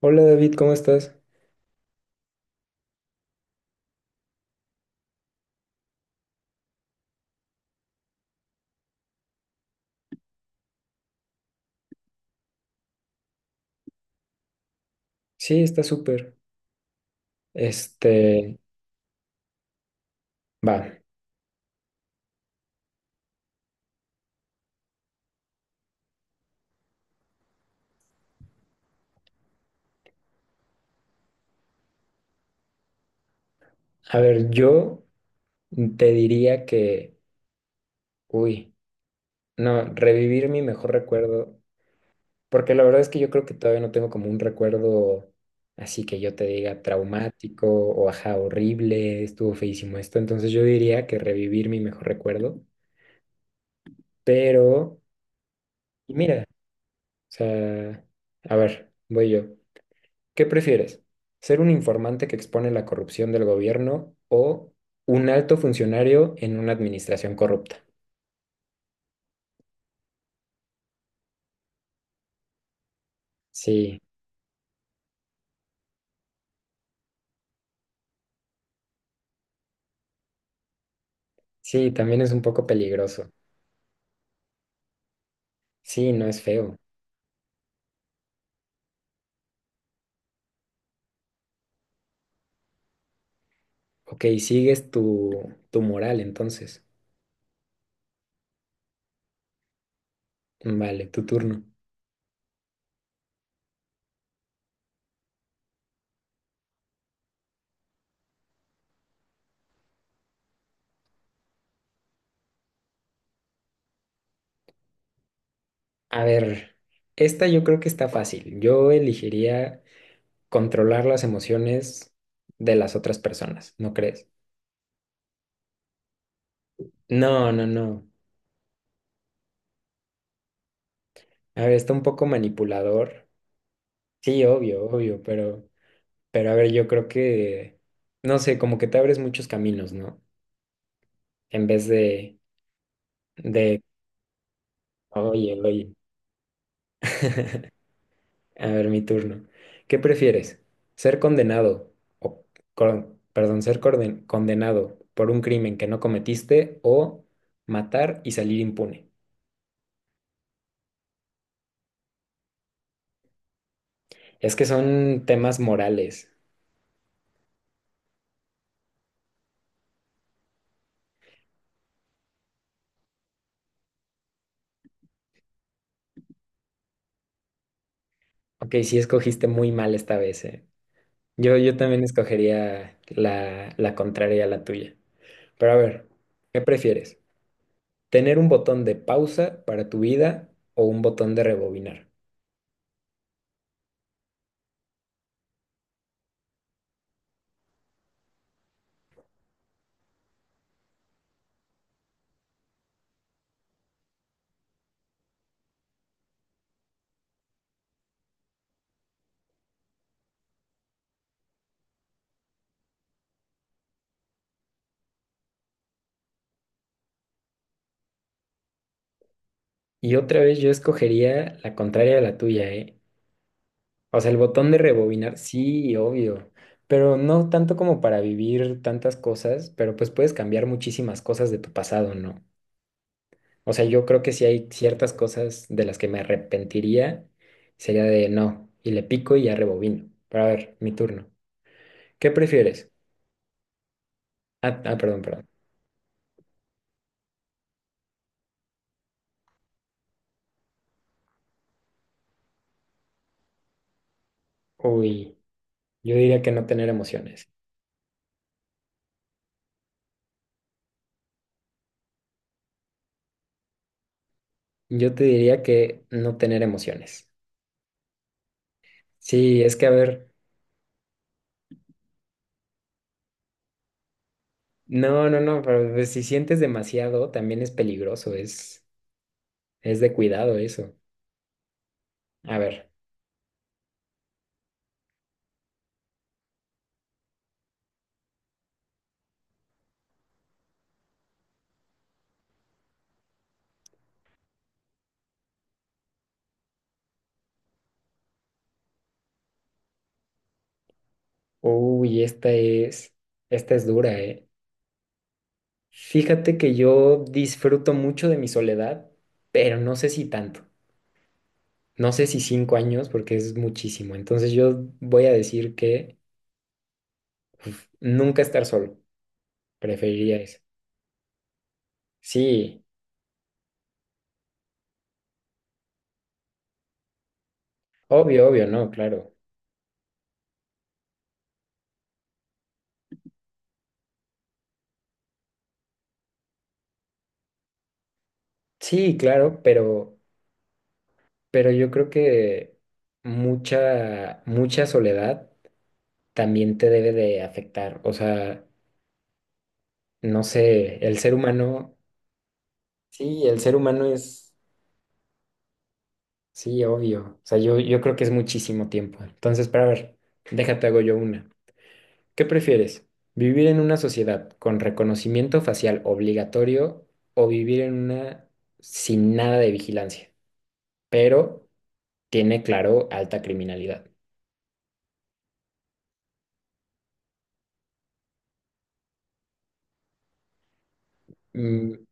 Hola David, ¿cómo estás? Sí, está súper. Este, va. A ver, yo te diría que, uy, no, revivir mi mejor recuerdo, porque la verdad es que yo creo que todavía no tengo como un recuerdo así que yo te diga traumático o ajá, horrible, estuvo feísimo esto. Entonces yo diría que revivir mi mejor recuerdo, pero, y mira, o sea, a ver, voy yo. ¿Qué prefieres? ¿Ser un informante que expone la corrupción del gobierno o un alto funcionario en una administración corrupta? Sí, sí, también es un poco peligroso. Sí, no es feo. Ok, sigues tu moral entonces. Vale, tu turno. A ver, esta yo creo que está fácil. Yo elegiría controlar las emociones de las otras personas, ¿no crees? No, no, no. A ver, está un poco manipulador. Sí, obvio, obvio, pero... Pero a ver, yo creo que, no sé, como que te abres muchos caminos, ¿no? En vez de, oye, oye. A ver, mi turno. ¿Qué prefieres? ¿Ser condenado o, perdón, ser condenado por un crimen que no cometiste o matar y salir impune? Es que son temas morales. Ok, sí escogiste muy mal esta vez, ¿eh? Yo también escogería la contraria a la tuya. Pero a ver, ¿qué prefieres? Tener un botón de pausa para tu vida o un botón de rebobinar. Y otra vez yo escogería la contraria de la tuya, ¿eh? O sea, el botón de rebobinar, sí, obvio, pero no tanto como para vivir tantas cosas, pero pues puedes cambiar muchísimas cosas de tu pasado, ¿no? O sea, yo creo que si hay ciertas cosas de las que me arrepentiría, sería de no, y le pico y ya rebobino. Pero a ver, mi turno. ¿Qué prefieres? Ah, ah, perdón, perdón. Uy, yo diría que no tener emociones. Yo te diría que no tener emociones. Sí, es que a ver, no, no, no, pero pues, si sientes demasiado también es peligroso, es de cuidado eso. A ver, uy, esta es dura, ¿eh? Fíjate que yo disfruto mucho de mi soledad, pero no sé si tanto. No sé si 5 años, porque es muchísimo. Entonces yo voy a decir que uf, nunca estar solo, preferiría eso. Sí, obvio, obvio, no, claro. Sí, claro, pero yo creo que mucha, mucha soledad también te debe de afectar. O sea, no sé, el ser humano, sí, el ser humano es, sí, obvio. O sea, yo creo que es muchísimo tiempo. Entonces, para ver, déjate hago yo una. ¿Qué prefieres? ¿Vivir en una sociedad con reconocimiento facial obligatorio o vivir en una sin nada de vigilancia, pero tiene, claro, alta criminalidad? Mm,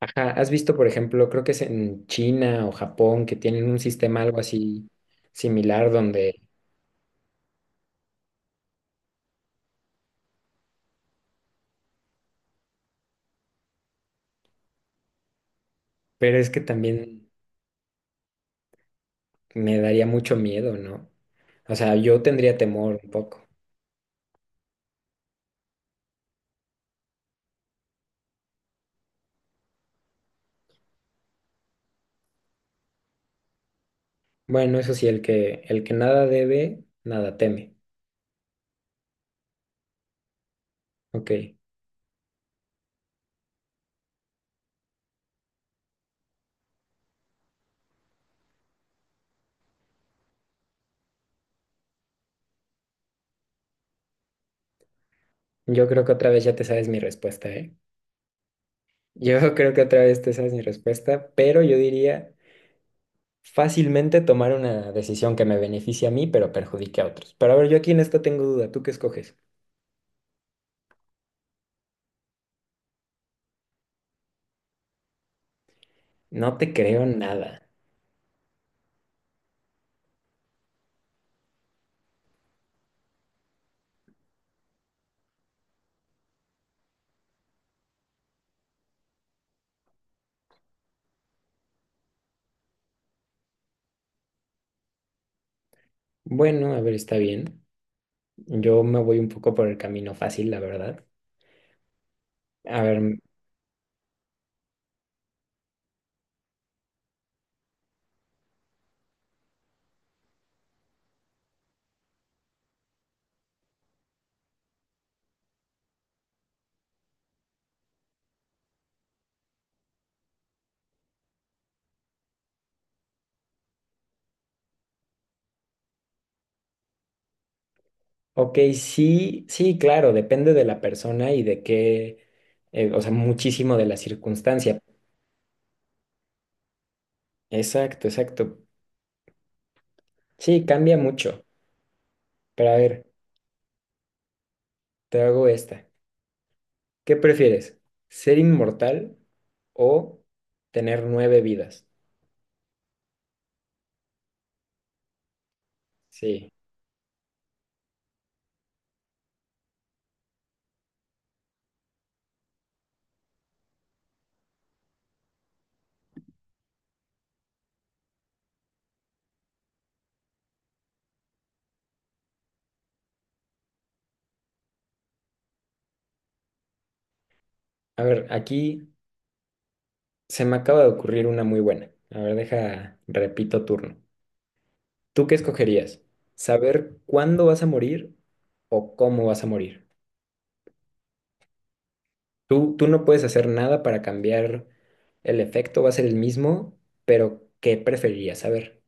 ajá, ¿has visto, por ejemplo, creo que es en China o Japón que tienen un sistema algo así similar donde, pero es que también me daría mucho miedo, ¿no? O sea, yo tendría temor un poco. Bueno, eso sí, el que nada debe, nada teme. Ok, yo creo que otra vez ya te sabes mi respuesta, ¿eh? Yo creo que otra vez te sabes mi respuesta, pero yo diría fácilmente tomar una decisión que me beneficie a mí, pero perjudique a otros. Pero a ver, yo aquí en esto tengo duda, ¿tú qué escoges? No te creo nada. Bueno, a ver, está bien. Yo me voy un poco por el camino fácil, la verdad. A ver, ok, sí, sí, claro, depende de la persona y de qué, o sea, muchísimo de la circunstancia. Exacto, exacto. Sí, cambia mucho. Pero a ver, te hago esta. ¿Qué prefieres? ¿Ser inmortal o tener nueve vidas? Sí. A ver, aquí se me acaba de ocurrir una muy buena. A ver, deja, repito turno. ¿Tú qué escogerías? ¿Saber cuándo vas a morir o cómo vas a morir? Tú no puedes hacer nada para cambiar el efecto, va a ser el mismo, pero ¿qué preferirías saber?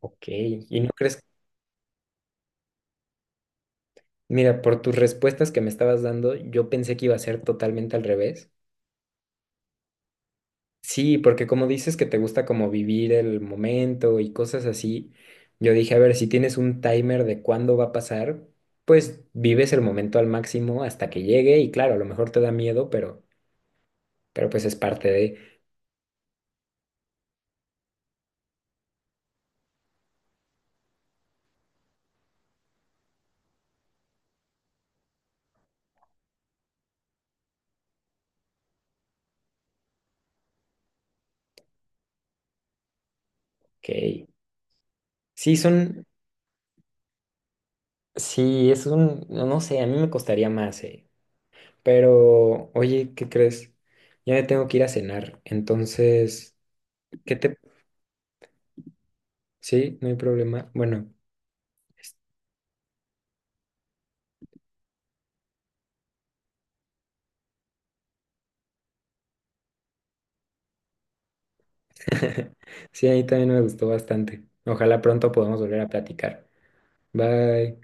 Ok, ¿y no crees? Mira, por tus respuestas que me estabas dando, yo pensé que iba a ser totalmente al revés. Sí, porque como dices que te gusta como vivir el momento y cosas así, yo dije, a ver, si tienes un timer de cuándo va a pasar, pues vives el momento al máximo hasta que llegue y claro, a lo mejor te da miedo, pero pues es parte de que sí son, sí, es un, no sé, a mí me costaría más, eh. Pero, oye, ¿qué crees? Ya me tengo que ir a cenar, entonces, ¿qué te... Sí, no hay problema. Bueno, es- sí, a mí también me gustó bastante. Ojalá pronto podamos volver a platicar. Bye.